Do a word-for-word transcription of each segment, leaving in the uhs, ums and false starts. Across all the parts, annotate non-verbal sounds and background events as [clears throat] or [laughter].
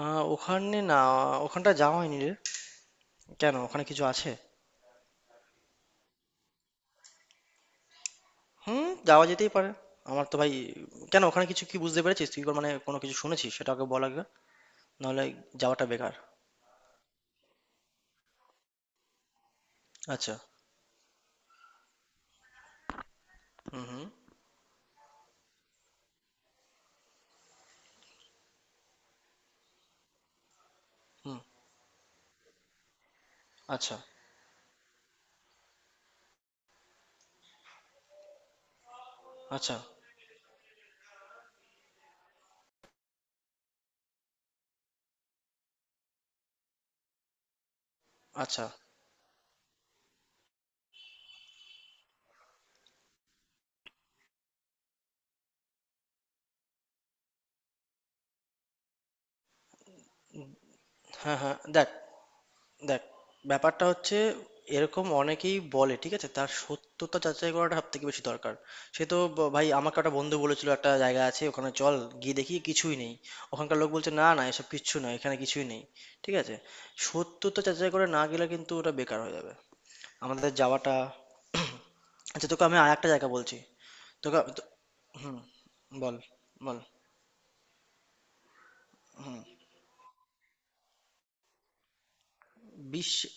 আহ ওখানে না। ওখানটা যাওয়া হয়নি রে। কেন, ওখানে কিছু আছে? হুম, যাওয়া যেতেই পারে। আমার তো ভাই, কেন ওখানে কিছু কি বুঝতে পেরেছিস তুই, মানে কোনো কিছু শুনেছিস সেটা আগে বল আগে, নাহলে যাওয়াটা বেকার। আচ্ছা। হুম হুম হুম। আচ্ছা আচ্ছা আচ্ছা। হ্যাঁ হ্যাঁ, দেখ দেখ, ব্যাপারটা হচ্ছে এরকম অনেকেই বলে, ঠিক আছে, তার সত্যতা যাচাই করাটা সব থেকে বেশি দরকার। সে তো ব- ভাই আমাকে একটা বন্ধু বলেছিল একটা জায়গা আছে, ওখানে চল। গিয়ে দেখি কিছুই নেই। ওখানকার লোক বলছে, না না এসব কিচ্ছু নয়, এখানে কিছুই নেই, ঠিক আছে। সত্যতা যাচাই করে না গেলে কিন্তু ওটা বেকার হয়ে যাবে, আমাদের যাওয়াটা। [clears throat] আচ্ছা, তোকে আমি আর একটা জায়গা বলছি। তোকে তো- হুম, বল বল। বিশ্ব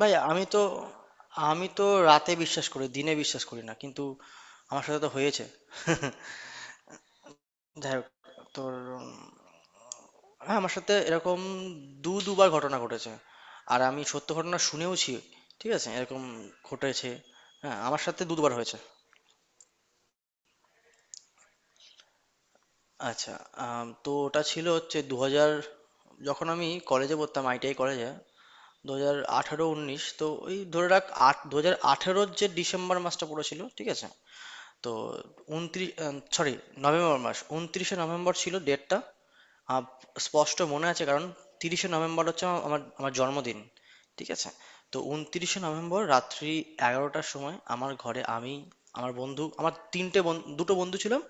ভাই, আমি তো আমি তো রাতে বিশ্বাস করি, দিনে বিশ্বাস করি না, কিন্তু আমার সাথে তো হয়েছে। [laughs] যাই হোক, তোর উম, হ্যাঁ আমার সাথে এরকম দু দুবার ঘটনা ঘটেছে, আর আমি সত্য ঘটনা শুনেওছি, ঠিক আছে, এরকম ঘটেছে। হ্যাঁ আমার সাথে দু দুবার হয়েছে। আচ্ছা, আম, তো ওটা ছিল হচ্ছে দু হাজার, যখন আমি কলেজে পড়তাম, আইটিআই কলেজে। দু হাজার আঠারো উনিশ, তো ওই ধরে রাখ, আট দু হাজার আঠারোর যে ডিসেম্বর মাসটা পড়েছিল, ঠিক আছে। তো উনত্রিশ, সরি, নভেম্বর মাস, উনত্রিশে নভেম্বর ছিল ডেটটা। স্পষ্ট মনে আছে, কারণ তিরিশে নভেম্বর হচ্ছে আমার আমার- আমার জন্মদিন, ঠিক আছে। তো উনত্রিশে নভেম্বর রাত্রি এগারোটার সময় আমার ঘরে আমি, আমার বন্ধু, আমার তিনটে বন- দুটো বন্ধু ছিলাম,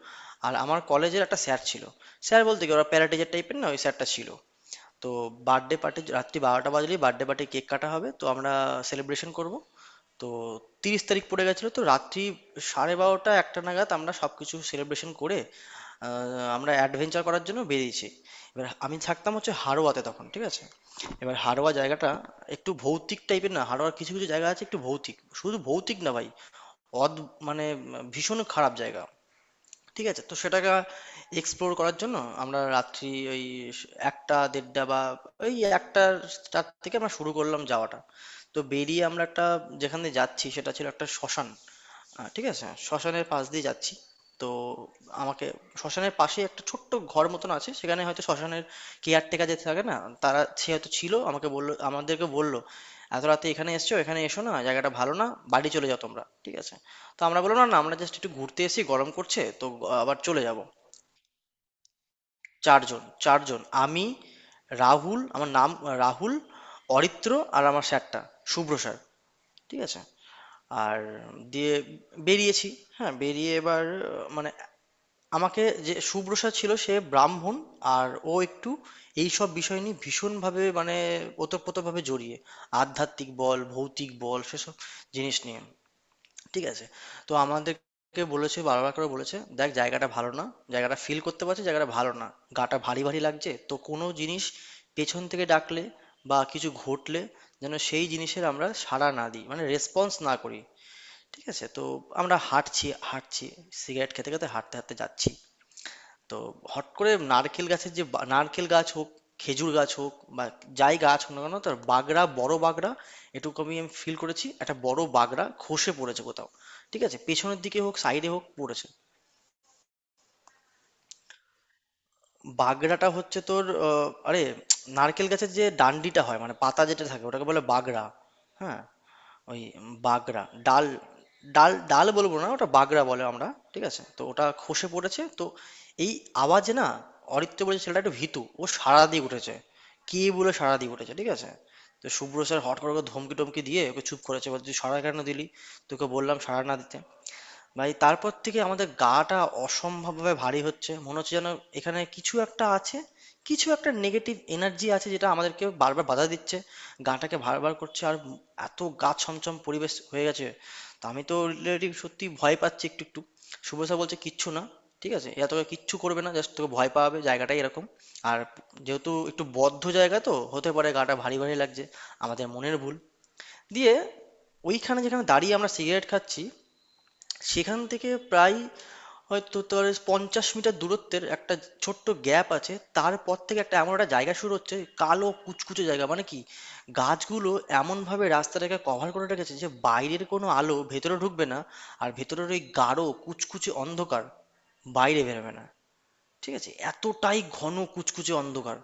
আর আমার কলেজের একটা স্যার ছিল। স্যার বলতে কি, ওরা প্যারাটিচার টাইপের না, ওই স্যারটা ছিল। তো বার্থডে পার্টি, রাত্রি বারোটা বাজলেই বার্থডে পার্টি, কেক কাটা হবে, তো আমরা সেলিব্রেশন করব। তো তিরিশ তারিখ পড়ে গেছিলো, তো রাত্রি সাড়ে বারোটা একটা নাগাদ আমরা সব কিছু সেলিব্রেশন করে, আহ, আমরা অ্যাডভেঞ্চার করার জন্য বেরিয়েছি। এবার আমি থাকতাম হচ্ছে হাড়োয়াতে তখন, ঠিক আছে। এবার হাড়োয়া জায়গাটা একটু ভৌতিক টাইপের না, হাড়োয়ার কিছু কিছু জায়গা আছে একটু ভৌতিক, শুধু ভৌতিক না ভাই, অদ মানে ভীষণ খারাপ জায়গা, ঠিক আছে। তো সেটাকে এক্সপ্লোর করার জন্য আমরা রাত্রি ওই স- একটা, দেড়টা, বা ওই একটার, তার থেকে আমরা শুরু করলাম যাওয়াটা। তো বেরিয়ে আমরা একটা, যেখানে যাচ্ছি সেটা ছিল একটা শ্মশান। আ, ঠিক আছে। হ্যাঁ, শ্মশানের পাশ দিয়ে যাচ্ছি। তো আমাকে, শ্মশানের পাশেই একটা ছোট্ট ঘর মতন আছে। সেখানে হয়তো শ্মশানের কেয়ারটেকার যে থাকে না? তারা, সে হয়তো ছিল। আমাকে বলল, আমাদেরকে বলল, "এত রাতে এখানে এসেছো? এখানে এসো না। জায়গাটা ভালো না। বাড়ি চলে যাও তোমরা।" ঠিক আছে? তো আমরা বললাম, "না না, আমরা জাস্ট একটু ঘুরতে এসেছি। গরম করছে। তো আ আবার চলে যাব।" চার জন, চার জন। আমি, রাহুল, আমার নাম রাহুল, অরিত্র, আর আমার স্যারটা, শুভ্র স্যার। ঠিক আছে? আর, দিয়ে বেরিয়েছি। হ্যাঁ বেরিয়ে এবার আহ, মানে আমাকে, যে শুভ্রসা ছিল, সে ব্রাহ্মণ, আর ও একটু এই সব বিষয় নিয়ে ভীষণভাবে মানে ওতপ্রোতভাবে জড়িয়ে, আধ্যাত্মিক বল ভৌতিক বল সেসব জিনিস নিয়ে, ঠিক আছে। তো আমাদেরকে বলেছে, বারবার করে বলেছে, দেখ জায়গাটা ভালো না, জায়গাটা ফিল করতে পারছে জায়গাটা ভালো না, গাটা ভারী ভারী লাগছে, তো কোনো জিনিস পেছন থেকে ডাকলে বা কিছু ঘটলে যেন সেই জিনিসের আমরা সাড়া না দিই, মানে রেসপন্স না করি, ঠিক আছে? তো আমরা হাঁটছি, হাঁটছি। সিগারেট খেতে, খেতে হাঁটতে, হাঁটতে যাচ্ছি। তো হট করে নারকেল গাছের যে, বা নারকেল গাছ হোক, খেজুর গাছ হোক, বা যাই গাছ হোক না কেন, তার বাগড়া, বড় বাগড়া, এটুকু আমি আমি ফিল করেছি। একটা বড় বাগড়া খসে পড়েছে কোথাও। ঠিক আছে? পেছনের দিকে হোক, সাইডে হোক, পড়েছে। বাগড়াটা হচ্ছে তোর আহ, আরে, নারকেল গাছের যে ডান্ডিটা হয়, মানে পাতা যেটা থাকে, ওটাকে বলে বাগড়া। হ্যাঁ? ওই বাগড়া ডাল, ডাল ডাল বলবো না, ওটা বাগড়া বলে আমরা, ঠিক আছে। তো ওটা খসে পড়েছে, তো এই আওয়াজে না অরিত্য বলে ছেলেটা একটু ভীতু, ও সাড়া দিয়ে উঠেছে, কে বলে সাড়া দিয়ে উঠেছে, ঠিক আছে। তো শুভ্র স্যার হট করে ওকে ধমকি টমকি দিয়ে ওকে চুপ করেছে, বলছে তুই সাড়া কেন দিলি, তোকে বললাম সাড়া না দিতে। ভাই, তারপর থেকে আমাদের গাটা অসম্ভবভাবে ভারী হচ্ছে, মনে হচ্ছে যেন এখানে কিছু একটা আছে, কিছু একটা নেগেটিভ এনার্জি আছে যেটা আমাদেরকে বারবার বাধা দিচ্ছে, গাটাকে ভারবার করছে। আর এত গা ছমছম পরিবেশ হয়ে গেছে, তা আমি তো রিলেটিভ সত্যি ভয় পাচ্ছি একটু একটু। শুভসা বলছে, কিচ্ছু না, ঠিক আছে, এরা তোকে কিচ্ছু করবে না, জাস্ট তোকে ভয় পাবে, জায়গাটাই এরকম, আর যেহেতু একটু বদ্ধ জায়গা, তো হতে পারে গাটা ভারী ভারী লাগছে, আমাদের মনের ভুল। দিয়ে ওইখানে যেখানে দাঁড়িয়ে আমরা সিগারেট খাচ্ছি, সেখান থেকে প্রায় হয়তো তোর পঞ্চাশ মিটার দূরত্বের একটা ছোট্ট গ্যাপ আছে, তারপর থেকে একটা এমন একটা জায়গা শুরু হচ্ছে, কালো কুচকুচে জায়গা, মানে কি গাছগুলো এমনভাবে রাস্তাটাকে কভার করে রেখেছে যে বাইরের কোনো আলো ভেতরে ঢুকবে না আর ভেতরের ওই গাঢ় কুচকুচে অন্ধকার বাইরে বেরোবে না, ঠিক আছে, এতটাই ঘন কুচকুচে অন্ধকার।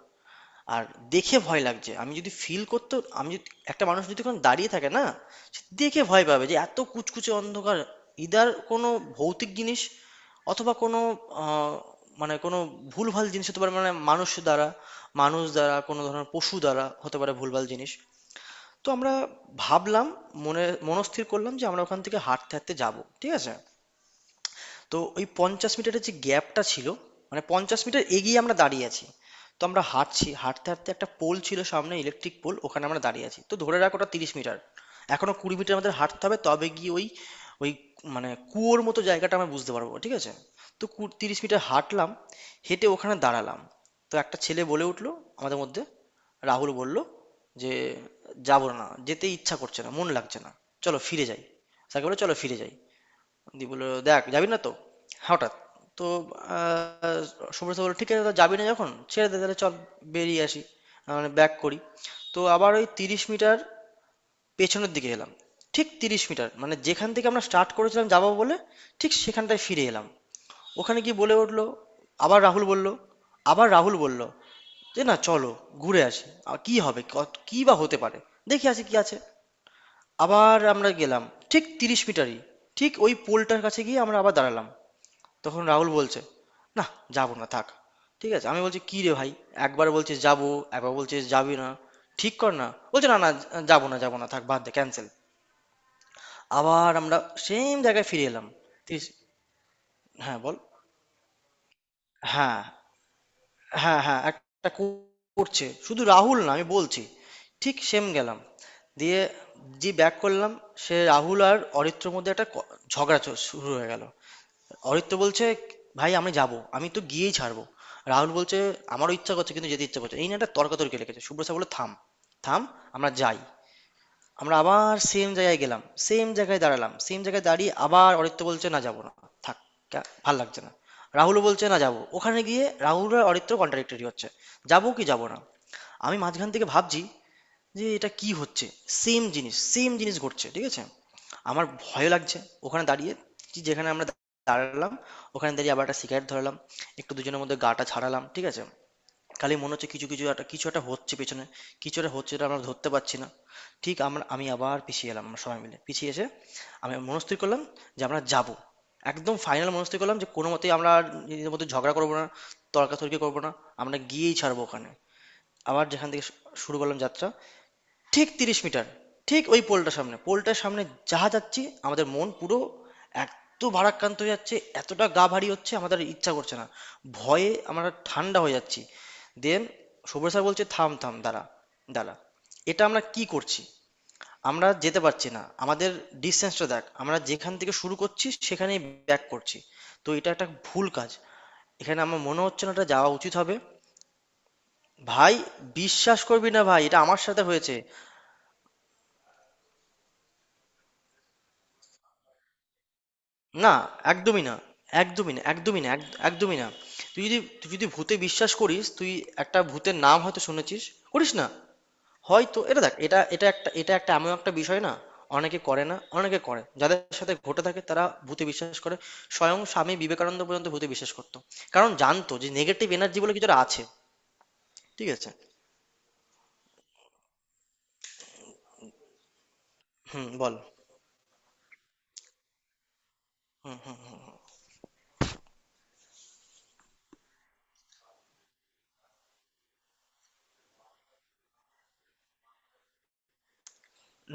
আর দেখে ভয় লাগছে, আমি যদি ফিল করতে, আমি যদি- একটা মানুষ যদি কোনো দাঁড়িয়ে থাকে না, সে দেখে ভয় পাবে যে এত কুচকুচে অন্ধকার, ইদার কোনো ভৌতিক জিনিস, অথবা কোনো আহ, মানে কোনো ভুলভাল জিনিস হতে পারে, মানে মানুষ দ্বারা, মানুষ দ্বারা, কোনো ধরনের পশু দ্বারা হতে পারে ভুলভাল জিনিস। তো আমরা ভাবলাম, মনে মনস্থির করলাম যে আমরা ওখান থেকে হাঁটতে হাঁটতে যাব, ঠিক আছে। তো ওই পঞ্চাশ মিটারের যে গ্যাপটা ছিল, মানে পঞ্চাশ মিটার এগিয়ে আমরা দাঁড়িয়ে আছি। তো আমরা হাঁটছি, হাঁটতে হাঁটতে একটা পোল ছিল সামনে, ইলেকট্রিক পোল, ওখানে আমরা দাঁড়িয়ে আছি, তো ধরে রাখ ওটা তিরিশ মিটার। এখনো কুড়ি মিটার আমাদের হাঁটতে হবে, তবে গিয়ে ওই, ওই মানে কুয়োর মতো জায়গাটা আমরা বুঝতে পারবো, ঠিক আছে। তো কু- তিরিশ মিটার হাঁটলাম, হেঁটে ওখানে দাঁড়ালাম। তো একটা ছেলে বলে উঠলো আমাদের মধ্যে, রাহুল বলল যে যাবো না, যেতে ইচ্ছা করছে না, মন লাগছে না, চলো ফিরে যাই, স্যারকে বলে চলো ফিরে যাই। দি বললো, দেখ যাবি না তো, হঠাৎ, তো আহ, সুব্রত বললো, ঠিক আছে, তো যাবি না যখন, ছেড়ে দে, তাহলে চল বেরিয়ে আসি, আহ, মানে ব্যাক করি। তো আবার ওই তিরিশ মিটার পেছনের দিকে এলাম, ঠিক তিরিশ মিটার, মানে যেখান থেকে আমরা স্টার্ট করেছিলাম যাবো বলে ঠিক সেখানটায় ফিরে এলাম। ওখানে গিয়ে বলে উঠলো, আবার রাহুল বলল আবার রাহুল বলল যে না, চলো ঘুরে আসি আর, কি হবে, কত- কি বা হতে পারে, দেখি আছে কি আছে। আবার আমরা গেলাম, ঠিক তিরিশ মিটারই, ঠিক ওই পোলটার কাছে গিয়ে আমরা আবার দাঁড়ালাম। তখন রাহুল বলছে, না যাবো না, থাক। ঠিক আছে, আমি বলছি কি রে ভাই, একবার বলছিস যাবো, একবার বলছিস যাবি না, ঠিক কর না। বলছে, না না, যাবো না যাবো না, থাক, বাদ দে, ক্যান্সেল। আবার আমরা সেম জায়গায় ফিরে এলাম। তিরিশ- হ্যাঁ বল, হ্যাঁ হ্যাঁ হ্যাঁ, একটা কো- করছে, শুধু রাহুল না, আমি বলছি। ঠিক সেম গেলাম, দিয়ে যে ব্যাক করলাম, সে রাহুল আর অরিত্রর মধ্যে একটা ক- ঝগড়া চ- শুরু হয়ে গেল। অরিত্র বলছে, ভাই আমি যাব, আমি তো গিয়েই ছাড়বো। রাহুল বলছে, আমারও ইচ্ছা করছে, কিন্তু যেতে ইচ্ছা করছে, এই নিয়ে একটা তর্কাতর্কি লেগেছে। শুভ্রসা বললো, থাম থাম, আমরা যাই। আমরা আবার সেম জায়গায় গেলাম, সেম জায়গায় দাঁড়ালাম, সেম জায়গায় দাঁড়িয়ে আবার অরিত্র বলছে, না যাবো না, থাক, কা- ভাল লাগছে না। রাহুলও বলছে, না যাবো, ওখানে গিয়ে রাহুল আর অরিত্র কন্ট্রাডিক্টরি হচ্ছে, যাবো কি যাবো না। আমি মাঝখান থেকে ভাবছি যে এটা কি হচ্ছে, সেম জিনিস সেম জিনিস ঘটছে, ঠিক আছে। আমার ভয় লাগছে ওখানে দাঁড়িয়ে, যে- যেখানে আমরা দাঁড়ালাম ওখানে দাঁড়িয়ে আবার একটা সিগারেট ধরালাম, একটু দুজনের মধ্যে গাটা ছাড়ালাম, ঠিক আছে। খালি মনে হচ্ছে কিছু, কিছু একটা, কিছু একটা হচ্ছে পেছনে, কিছু একটা হচ্ছে এটা আমরা ধরতে পারছি না। ঠিক আমরা, আমি আবার পিছিয়ে এলাম, আমরা সবাই মিলে পিছিয়ে এসে আমি মনস্থির করলাম যে আমরা যাব, একদম ফাইনাল মনস্থির করলাম যে কোনো মতেই আমরা আর নিজেদের মধ্যে ঝগড়া করবো না, তর্কাতর্কি করবো না, আমরা গিয়েই ছাড়বো ওখানে। আবার যেখান থেকে শু- শুরু করলাম যাত্রা, ঠিক তিরিশ মিটার, ঠিক ওই পোলটার সামনে, পোলটার সামনে যা যাচ্ছি আমাদের মন পুরো এত ভারাক্রান্ত হয়ে যাচ্ছে, এতটা গা ভারী হচ্ছে, আমাদের ইচ্ছা করছে না, ভয়ে আমরা ঠান্ডা হয়ে যাচ্ছি। দেন সব্য স্যার বলছে, থাম থাম, দাঁড়া দাঁড়া, এটা আমরা কি করছি, আমরা যেতে পারছি না, আমাদের ডিসটেন্সটা দেখ, আমরা যেখান থেকে শুরু করছি সেখানেই ব্যাক করছি, তো এটা একটা ভুল কাজ, এখানে আমার মনে হচ্ছে না এটা যাওয়া উচিত হবে। ভাই, বিশ্বাস করবি না ভাই, এটা আমার সাথে হয়েছে। না, একদমই না, একদমই না, একদমই না, এক- একদমই না। তুই যদি তুই যদি ভূতে বিশ্বাস করিস তুই, একটা ভূতের নাম হয়তো শুনেছিস, করিস না, হয়তো এটা, দেখ এটা এটা একটা এটা একটা এমন একটা বিষয় না, অনেকে করে না, অনেকে করে, যাদের সাথে ঘটে থাকে তারা ভূতে বিশ্বাস করে। স্বয়ং স্বামী বিবেকানন্দ পর্যন্ত ভূতে বিশ্বাস করতো, কারণ জানতো যে নেগেটিভ এনার্জি বলে কিছুটা আছে। ঠিক আছে, হুম বল।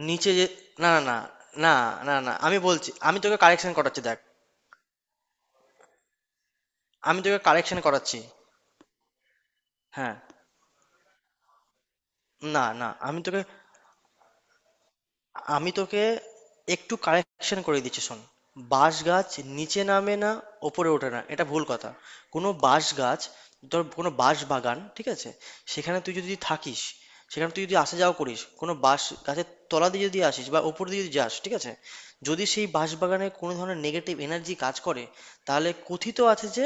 নিচে যে, না না, না না, না না, আমি বলছি, আমি তোকে কারেকশন করাচ্ছি, দেখ আমি তোকে কারেকশন করাচ্ছি। হ্যাঁ, না না, আমি তোকে আমি তোকে একটু কারেকশন করে দিচ্ছি, শোন। বাঁশ গাছ নিচে নামে না, ওপরে ওঠে না, এটা ভুল কথা। কোনো বাঁশ গাছ, ধর কোনো বাঁশ বাগান, ঠিক আছে, সেখানে তুই যদি থাকিস, সেখানে তুই যদি আসা যাওয়া করিস, কোনো বাঁশ গাছের তলা দিয়ে যদি আসিস বা ওপর দিয়ে যদি যাস, ঠিক আছে, যদি সেই বাঁশ বাগানে কোনো ধরনের নেগেটিভ এনার্জি কাজ করে, তাহলে কথিত আছে যে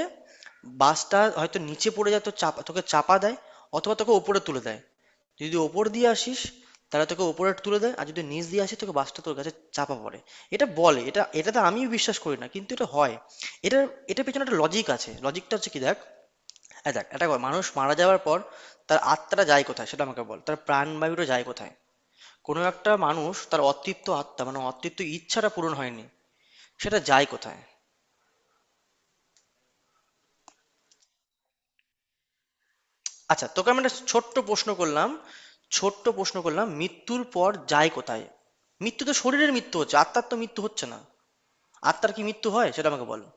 বাসটা হয়তো নিচে পড়ে যায়, তো চাপা, তোকে চাপা দেয়, অথবা তোকে উপরে তুলে দেয়। যদি ওপর দিয়ে আসিস, তাহলে তোকে ওপরে তুলে দেয়, আর যদি নিচ দিয়ে আসিস, তোকে বাসটা তোর কাছে চাপা পড়ে। এটা বলে, এটা, এটাতে আমিও বিশ্বাস করি না, কিন্তু এটা হয়। এটা এটা পেছনে একটা লজিক আছে, লজিকটা হচ্ছে কি দেখ, এই দেখ, এটা কর, মানুষ মারা যাওয়ার পর তার আত্মাটা যায় কোথায় সেটা আমাকে বল, তার প্রাণবায়ুটা যায় কোথায়, কোনো একটা মানুষ, তার অতৃপ্ত আত্মা মানে অতৃপ্ত ইচ্ছাটা পূরণ হয়নি, সেটা যায় কোথায়? আচ্ছা, তোকে আমি একটা ছোট্ট প্রশ্ন করলাম, ছোট্ট প্রশ্ন করলাম, মৃত্যুর পর যায় কোথায়? মৃত্যু তো শরীরের মৃত্যু হচ্ছে, আত্মার তো মৃত্যু হচ্ছে না, আত্মার কি মৃত্যু হয় সেটা আমাকে বলো।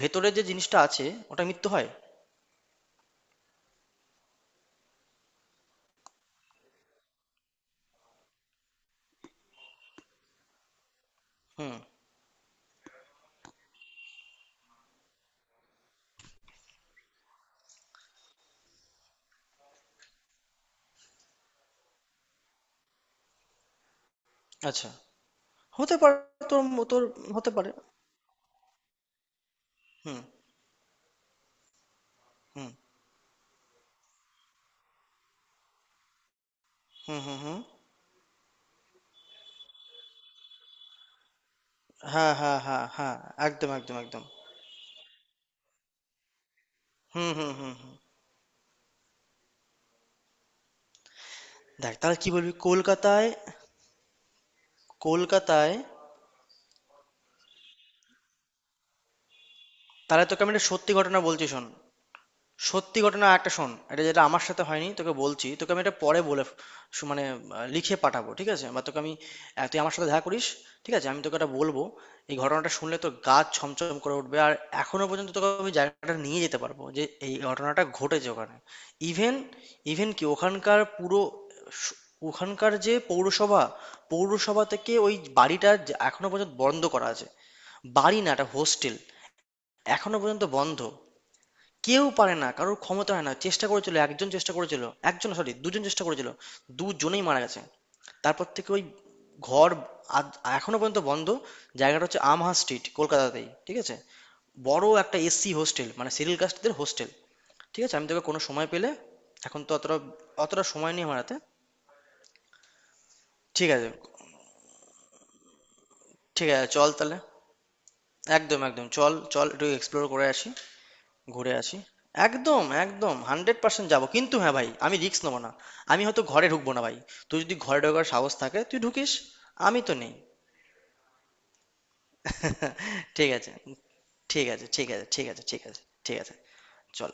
ভেতরে যে জিনিসটা আছে ওটা মৃত্যু হয়। হুম। আচ্ছা, হতে পারে, তোর ম- তোর হতে পারে। হুম হুম হুম হুম হুম। হ্যাঁ হ্যাঁ হ্যাঁ হ্যাঁ। একদম একদম একদম। হুম হুম হুম হুম। দেখ তাহলে কি বলবি, কলকাতায়, কলকাতায়, তাহলে তোকে আমি একটা সত্যি ঘটনা বলছি, শোন। সত্যি ঘটনা একটা শোন, এটা যেটা আমার সাথে হয়নি, তোকে বলছি, তোকে আমি এটা পরে বলে, শু- মানে আহ, লিখে পাঠাবো, ঠিক আছে, বা তোকে আমি, আহ, তুই আমার সাথে দেখা করিস, ঠিক আছে, আমি তোকে এটা বলবো। এই ঘটনাটা শুনলে তোর গা ছমছম করে উঠবে, আর এখনো পর্যন্ত তোকে আমি জায়গাটা নিয়ে যেতে পারবো যে এই ঘটনাটা ঘটেছে ওখানে। ইভেন, ইভেন কি ওখানকার পুরো স- ওখানকার যে পৌরসভা, পৌরসভা থেকে ওই বাড়িটা যে এখনো পর্যন্ত বন্ধ করা আছে, বাড়ি না এটা হোস্টেল, এখনো পর্যন্ত বন্ধ। কেউ পারে না, কারোর ক্ষমতা হয় না, চেষ্টা করেছিল, একজন চেষ্টা করেছিল, একজন সরি দুজন চেষ্টা করেছিল, দুজনেই মারা গেছে। তারপর থেকে ওই ঘর আদ- এখনো পর্যন্ত বন্ধ। জায়গাটা হচ্ছে আমহা স্ট্রিট, কলকাতাতেই, ঠিক আছে। বড় একটা এসসি হোস্টেল, মানে সিরিয়াল কাস্টদের হোস্টেল, ঠিক আছে, আমি তোকে কোনো সময় পেলে, এখন তো অতটা, অতটা সময় নেই আমার হাতে। ঠিক আছে ঠিক আছে, চল তাহলে, একদম একদম, চল চল একটু এক্সপ্লোর করে আসি, ঘুরে আসি। একদম একদম হান্ড্রেড পার্সেন্ট যাবো, কিন্তু হ্যাঁ ভাই, আমি রিস্ক নেবো না। আমি হয়তো ঘরে ঢুকবো না ভাই, তুই যদি ঘরে ঢোকার সাহস থাকে তুই ঢুকিস, আমি তো নেই। [laughs] ঠিক আছে ঠিক আছে ঠিক আছে ঠিক আছে ঠিক আছে ঠিক আছে, চল।